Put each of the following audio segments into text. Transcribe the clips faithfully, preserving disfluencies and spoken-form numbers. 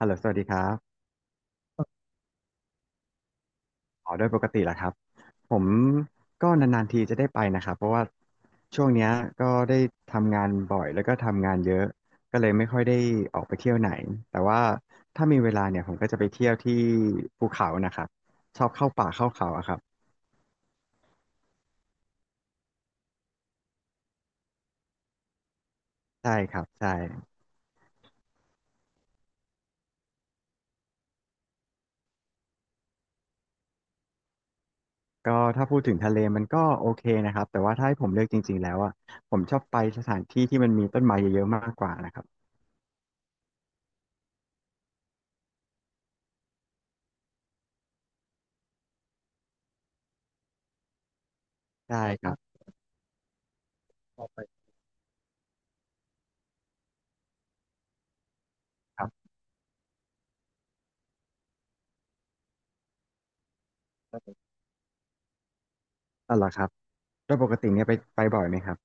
ฮัลโหลสวัสดีครับอ๋อโดยปกติแหละครับ ผมก็นานๆทีจะได้ไปนะครับเพราะว่าช่วงเนี้ยก็ได้ทำงานบ่อยแล้วก็ทำงานเยอะ ก็เลยไม่ค่อยได้ออกไปเที่ยวไหน แต่ว่าถ้ามีเวลาเนี่ยผมก็จะไปเที่ยวที่ภูเขานะครับ ชอบเข้าป่าเข้าเขาอะครับ ใช่ครับ ใช่ ก็ถ้าพูดถึงทะเลมันก็โอเคนะครับ แต่ว่าถ้าให้ผมเลือกจริงๆแล้วอะผมชอบไปสถานที่ที่มันมีต้นไม้เยอะๆมากกว่านะครับใช่ครับครับอ๋อเหรอครับโดยปกติเนี่ยไปไปบ่อยไหมครับ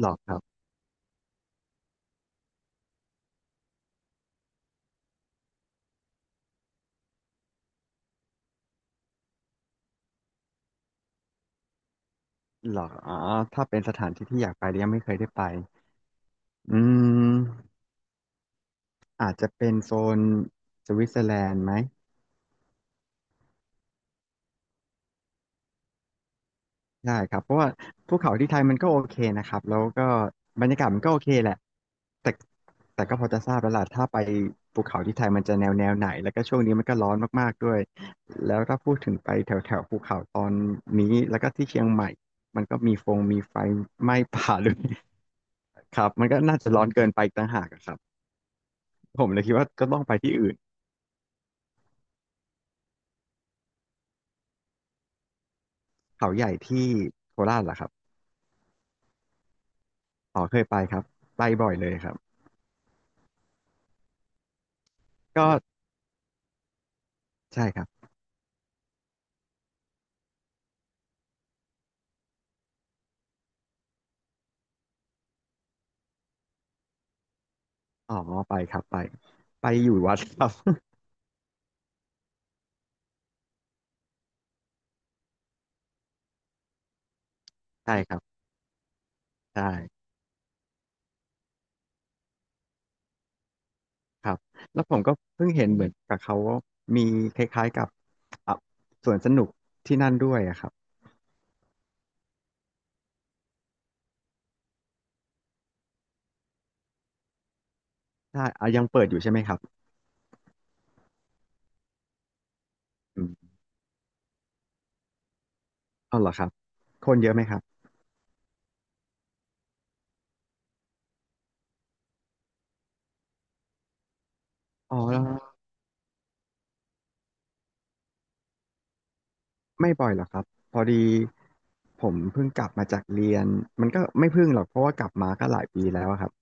หรอครับหรออ๋อถ้าเป็นสถานที่ที่อยากไปแล้วยังไม่เคยได้ไปอืมอาจจะเป็นโซนสวิตเซอร์แลนด์ไหมได้ครับเพราะว่าภูเขาที่ไทยมันก็โอเคนะครับแล้วก็บรรยากาศมันก็โอเคแหละแต่แต่ก็พอจะทราบแล้วล่ะถ้าไปภูเขาที่ไทยมันจะแนวแนวไหนแล้วก็ช่วงนี้มันก็ร้อนมากๆด้วยแล้วถ้าพูดถึงไปแถวแถวภูเขาตอนนี้แล้วก็ที่เชียงใหม่มันก็มีฟงมีไฟไหม้ ป่าด้วย ครับมันก็น่าจะร้อนเกินไปอีกต่างหากอะครับ ผมเลยคิดว่าก็ต้องไปที่อื่นเขาใหญ่ที่โคราชเหรอครับอ๋อเคยไปครับไปบ่อยเลยครับก็ใช่ครับอ๋อไปครับไปไปอยู่วัดครับ ใช่ครับใช่ครับแล้วผมก็เพิ่งเห็นเหมือนกับเขาว่ามีคล้ายๆกับอ่ะสวนสนุกที่นั่นด้วยอะครับใช่อ่ะยังเปิดอยู่ใช่ไหมครับอืมเอาเหรอครับคนเยอะไหมครับอ๋อแล้วไม่บ่อยหรอกครับพอดีผมเพิ่งกลับมาจากเรียนมันก็ไม่เพิ่งหรอกเพราะว่ากลับมาก็หลายปีแล้วอะครับ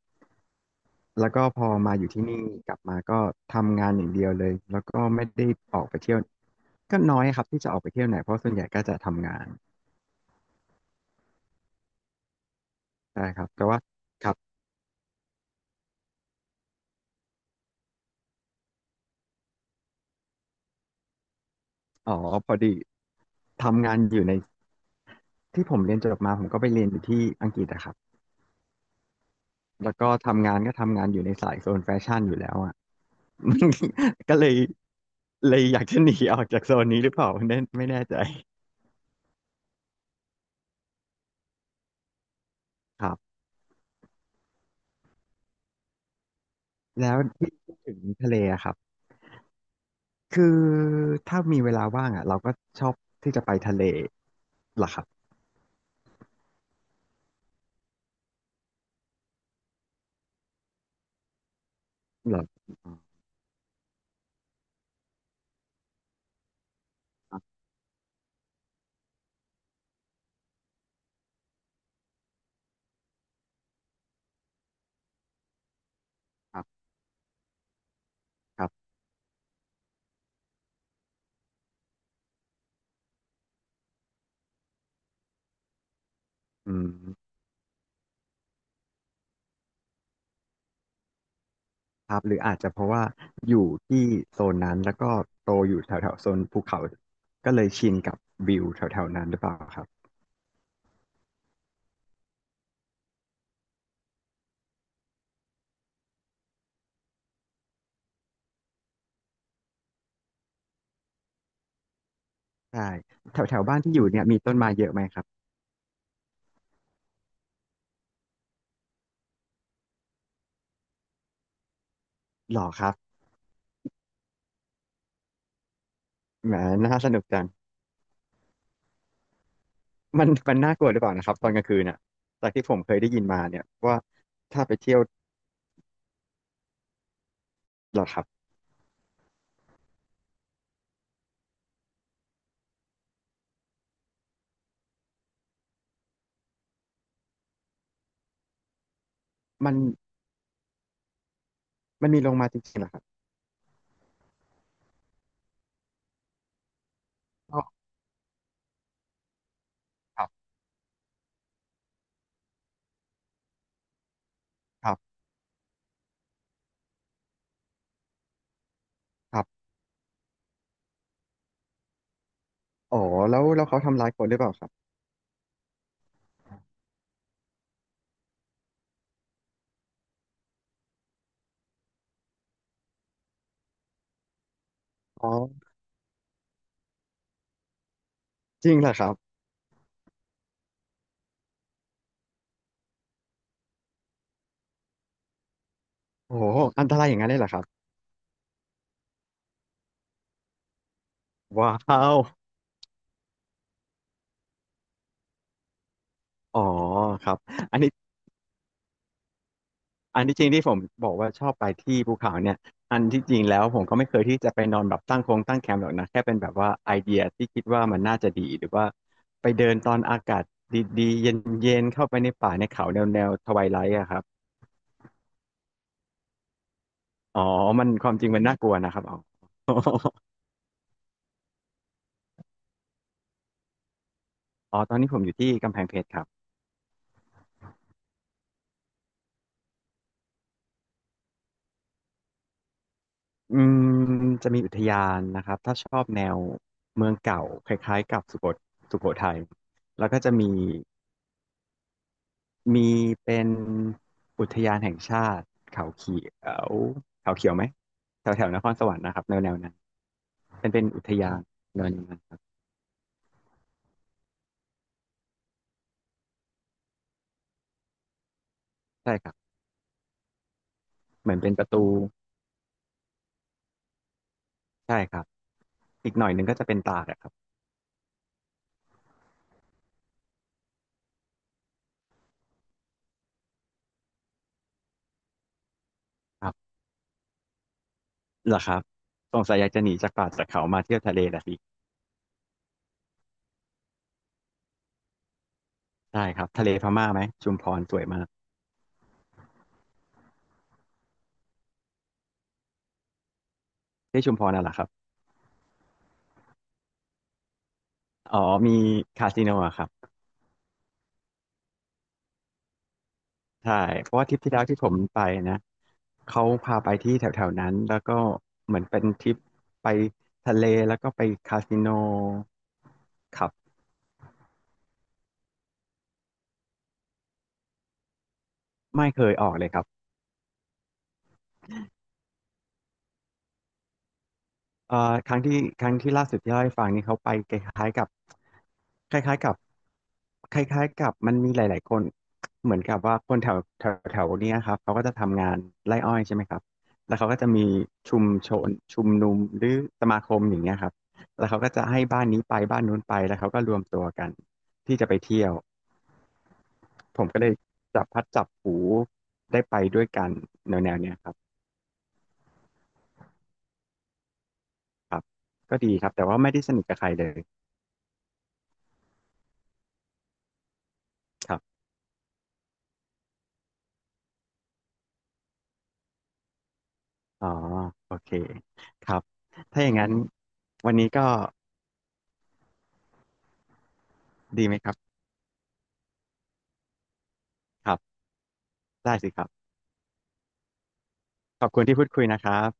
แล้วก็พอมาอยู่ที่นี่กลับมาก็ทำงานอย่างเดียวเลยแล้วก็ไม่ได้ออกไปเที่ยวก็น้อยครับที่จะออกไปเที่ยวไหนเพราะส่วนใหญ่ก็จะทำงานใช่ครับแต่ว่าครับอ๋อพอดีทำงานอยู่ในที่ผมเรียนจบมาผมก็ไปเรียนอยู่ที่อังกฤษอะครับแล้วก็ทำงานก็ทำงานอยู่ในสายโซนแฟชั่นอยู่แล้วอะ ก็เลยเลยอยากจะหนีออกจากโซนนี้หรือเปล่าไม่แน่ไม่แน่ใจครับแล้วที่พูดถึงทะเลอะครับ คือถ้ามีเวลาว่างอ่ะเราก็ชอบที่จะไปทะเลล่ะครับเหราอืมครับครับครับอืมครับหรืออาจจะเพราะว่าอยู่ที่โซนนั้นแล้วก็โตอยู่แถวแถวโซนภูเขาก็เลยชินกับวิวแถวแถวนั้นหรือเปล่าครับใช่แถวแถวบ้านที่อยู่เนี่ยมีต้นไม้เยอะไหมครับหรอครับแหมน่าสนุกจังมันมันน่ากลัวหรือเปล่านะครับตอนกลางคืนอ่ะจากที่ผมเคยได้ยินมาเนี่ยว่าถ้าไปเที่ยวหรอครับมันมันมีลงมาจริงๆเหรอครับอ๋อครับครับครับ อ๋อแล้วแล้วเขาทำร้ายคนหรือเปล่าครับอ๋อจริงเหรอครับโอ้โหอันตรายอย่างนั้นเลยเหรอครับว้าวอ๋อครับอันนี้อันที่จริงที่ผมบอกว่าชอบไปที่ภูเขาเนี่ยอันที่จริงแล้วผมก็ไม่เคยที่จะไปนอนแบบตั้งโครงตั้งแคมป์หรอกนะแค่เป็นแบบว่าไอเดียที่คิดว่ามันน่าจะดีหรือว่าไปเดินตอนอากาศดีๆเย็นๆเข้าไปในป่าในเขาแนวแนวทไวไลท์อะครับอ๋อมันความจริงมันน่ากลัวนะครับอ๋อ อ๋อตอนนี้ผมอยู่ที่กำแพงเพชรครับ อืมจะมีอุทยานนะครับถ้าชอบแนวเมืองเก่าคล้ายๆกับสุโขสุโขทัยแล้วก็จะมีมีเป็นอุทยานแห่งชาติเขาเขียวเขาเขียวไหมแถวแถวนครสวรรค์นะครับแนวแนวนั้นเป็นเป็นอุทยานแนวนนั้นครับใช่ครับเหมือนเป็นประตูใช่ครับอีกหน่อยหนึงก็จะเป็นตากอะครับครับเหรอครับสงสัยอยากจะหนีจากป่าจากเขามาเที่ยวทะเลละสิใช่ครับทะเลพม่าไหมชุมพรสวยมากที่ชุมพรน่ะเหรอครับอ๋อมีคาสิโนอะครับ ใช่เพราะว่าทริปที่แล้วที่ผมไปนะเขาพาไปที่แถวๆนั้นแล้วก็เหมือนเป็นทริปไปทะเลแล้วก็ไปคาสิโนครับไม่เคยออกเลยครับ เอ่อครั้งที่ครั้งที่ล่าสุดที่เล่าให้ฟังนี่เขาไปคล้ายๆกับคล้ายๆกับคล้ายๆกับมันมีหลายๆคนเหมือนกับว่าคนแถวแถวแถวเนี้ยครับเขาก็จะทำงานไร่อ้อยใช่ไหมครับแล้วเขาก็จะมีชุมชนชุมนุมหรือสมาคมอย่างเงี้ยครับแล้วเขาก็จะให้บ้านนี้ไปบ้านนู้นไปแล้วเขาก็รวมตัวกันที่จะไปเที่ยวผมก็เลยจับพัดจับผูได้ไปด้วยกันแนวๆเนี้ยครับครับก็ดีครับแต่ว่าไม่ได้สนิทกับใครเลยครับ อ๋อโอเคครับถ้าอย่างนั้นวันนี้ก็ดีไหมครับครับได้สิครับขอบคุณที่พูดคุยนะครับ